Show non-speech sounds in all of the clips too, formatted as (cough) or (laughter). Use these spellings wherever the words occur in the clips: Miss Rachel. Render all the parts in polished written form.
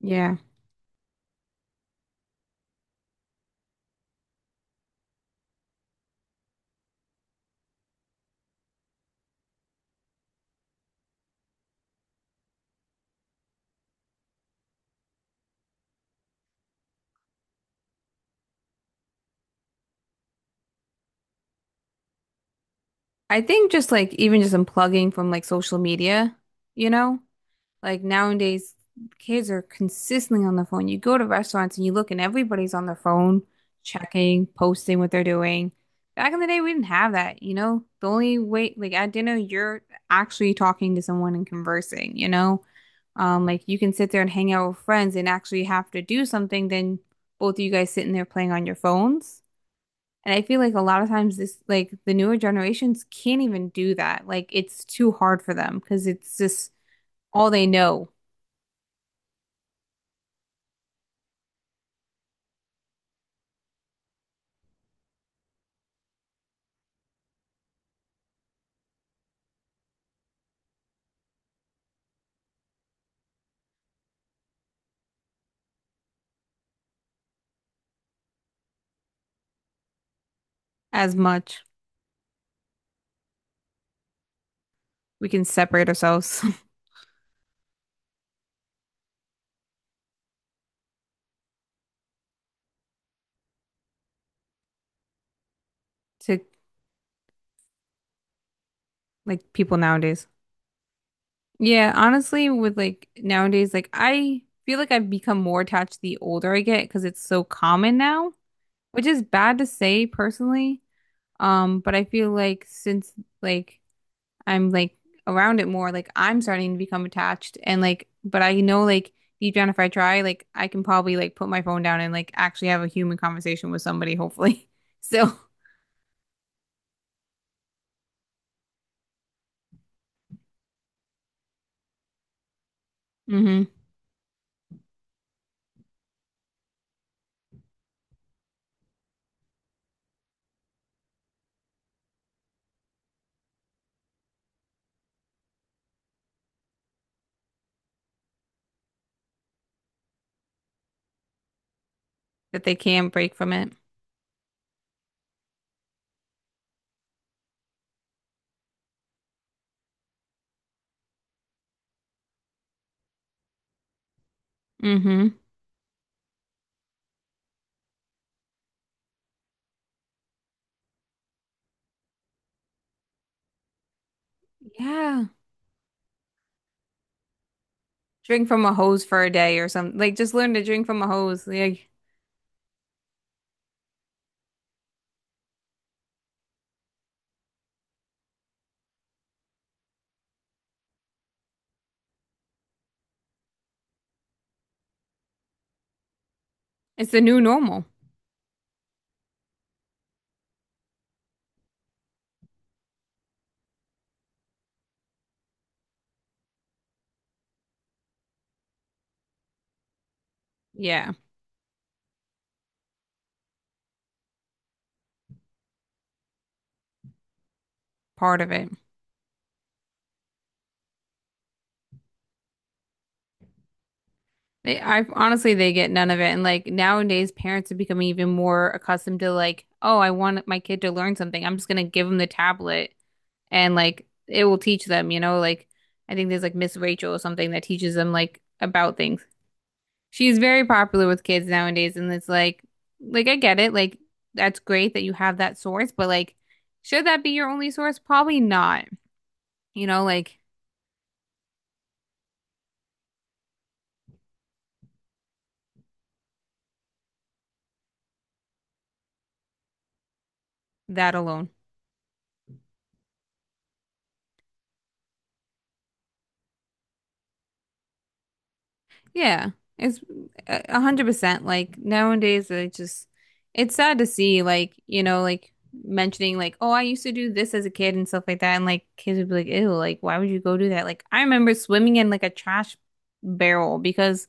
Yeah. I think just like even just unplugging from like social media, you know? Like nowadays kids are consistently on the phone. You go to restaurants and you look and everybody's on their phone, checking, posting what they're doing. Back in the day we didn't have that, you know? The only way like at dinner you're actually talking to someone and conversing, you know? Like you can sit there and hang out with friends and actually have to do something than both of you guys sitting there playing on your phones. And I feel like a lot of times this like the newer generations can't even do that. Like it's too hard for them because it's just all they know as much. We can separate ourselves (laughs) to like people nowadays. Yeah, honestly, with like nowadays, like I feel like I've become more attached the older I get because it's so common now, which is bad to say personally. But I feel like since like I'm like around it more, like I'm starting to become attached and like, but I know like deep down if I try, like I can probably like put my phone down and like actually have a human conversation with somebody, (laughs) hopefully. So, mm-hmm, that they can break from it. Mm-hmm. Yeah. Drink from a hose for a day or something. Like just learn to drink from a hose. Like it's the new normal. Yeah, part of it. They, I honestly, they get none of it. And like nowadays, parents are becoming even more accustomed to like, oh, I want my kid to learn something. I'm just gonna give them the tablet and like it will teach them, you know, like I think there's like Miss Rachel or something that teaches them like about things. She's very popular with kids nowadays, and it's like I get it, like that's great that you have that source, but like, should that be your only source? Probably not, you know, like that alone. Yeah, it's a hundred percent. Like nowadays, I just it's sad to see, like you know, like mentioning like, oh, I used to do this as a kid and stuff like that, and like kids would be like, ew, like why would you go do that? Like I remember swimming in like a trash barrel because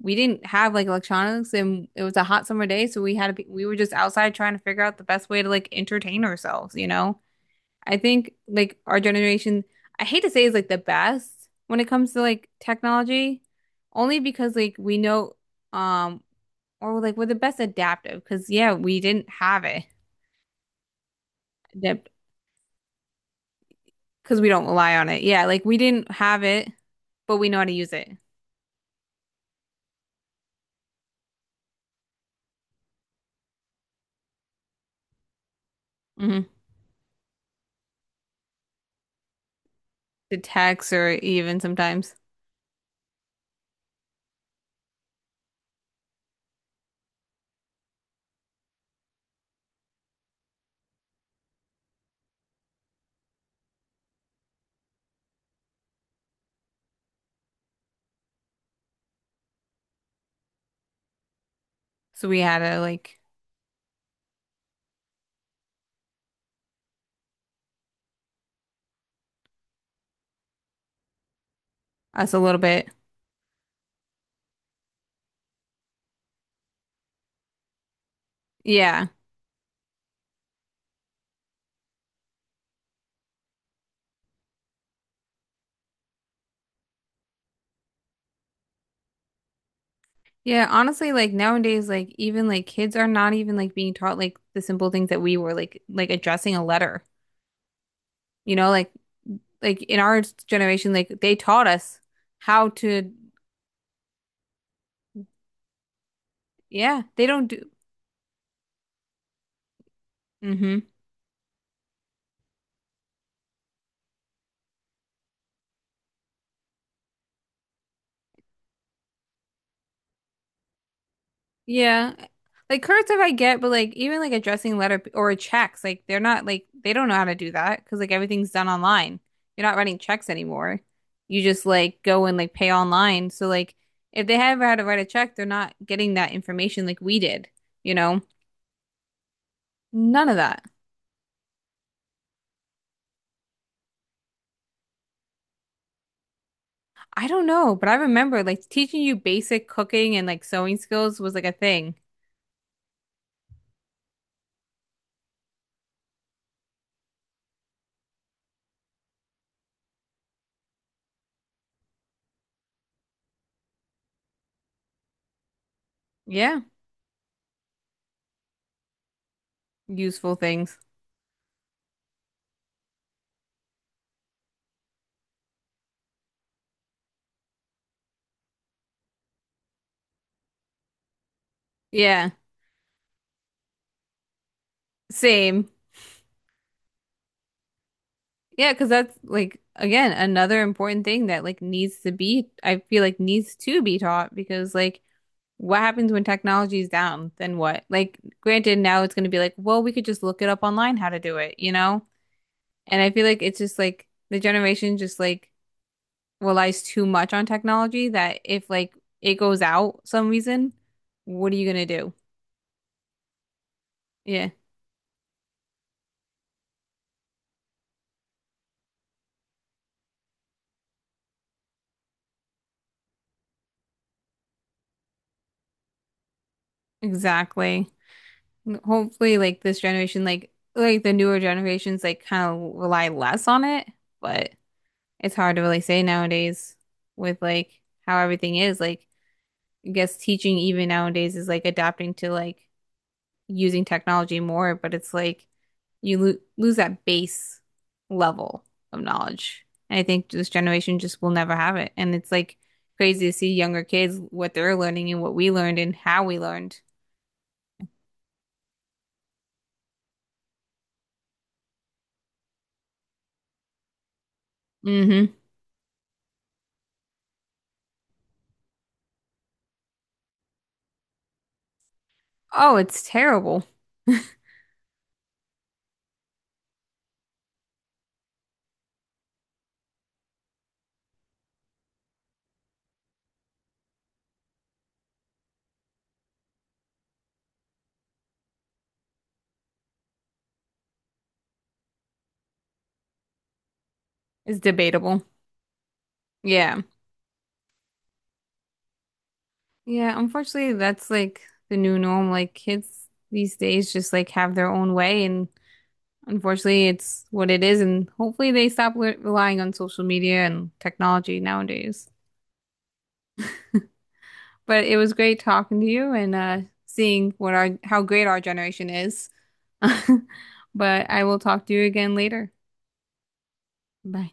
we didn't have like electronics and it was a hot summer day, so we had to be, we were just outside trying to figure out the best way to like entertain ourselves, you know? I think like our generation, I hate to say is like the best when it comes to like technology, only because like we know um or like we're the best adaptive because yeah, we didn't have it because we don't rely on it. Yeah, like we didn't have it, but we know how to use it. Hmm. To text or even sometimes. So we had to like us a little bit. Yeah. Yeah, honestly, like nowadays, like even like kids are not even like being taught like the simple things that we were like addressing a letter. You know, like in our generation, like they taught us how to, yeah, they don't do, hmm. Yeah. Like cursive I get, but like even like addressing letter p- or checks, like they're not like they don't know how to do that because like everything's done online. You're not writing checks anymore. You just like go and like pay online. So like if they ever had to write a check, they're not getting that information like we did, you know? None of that. I don't know, but I remember like teaching you basic cooking and like sewing skills was like a thing. Yeah, useful things. Yeah, same. Yeah, because that's like again another important thing that like needs to be, I feel like needs to be taught because like what happens when technology is down? Then what? Like, granted, now it's going to be like, well, we could just look it up online how to do it, you know? And I feel like it's just like the generation just like relies too much on technology that if like it goes out some reason, what are you going to do? Yeah, exactly. Hopefully, like this generation, like the newer generations, like kind of rely less on it, but it's hard to really say nowadays with like how everything is. Like, I guess teaching even nowadays is like adapting to like using technology more, but it's like you lo lose that base level of knowledge. And I think this generation just will never have it. And it's like crazy to see younger kids what they're learning and what we learned and how we learned. Hmm. Oh, it's terrible. It's debatable. Yeah. Yeah, unfortunately that's like the new norm. Like kids these days just like have their own way and unfortunately it's what it is and hopefully they stop le relying on social media and technology nowadays. But it was great talking to you and seeing what our how great our generation is. (laughs) But I will talk to you again later. Bye.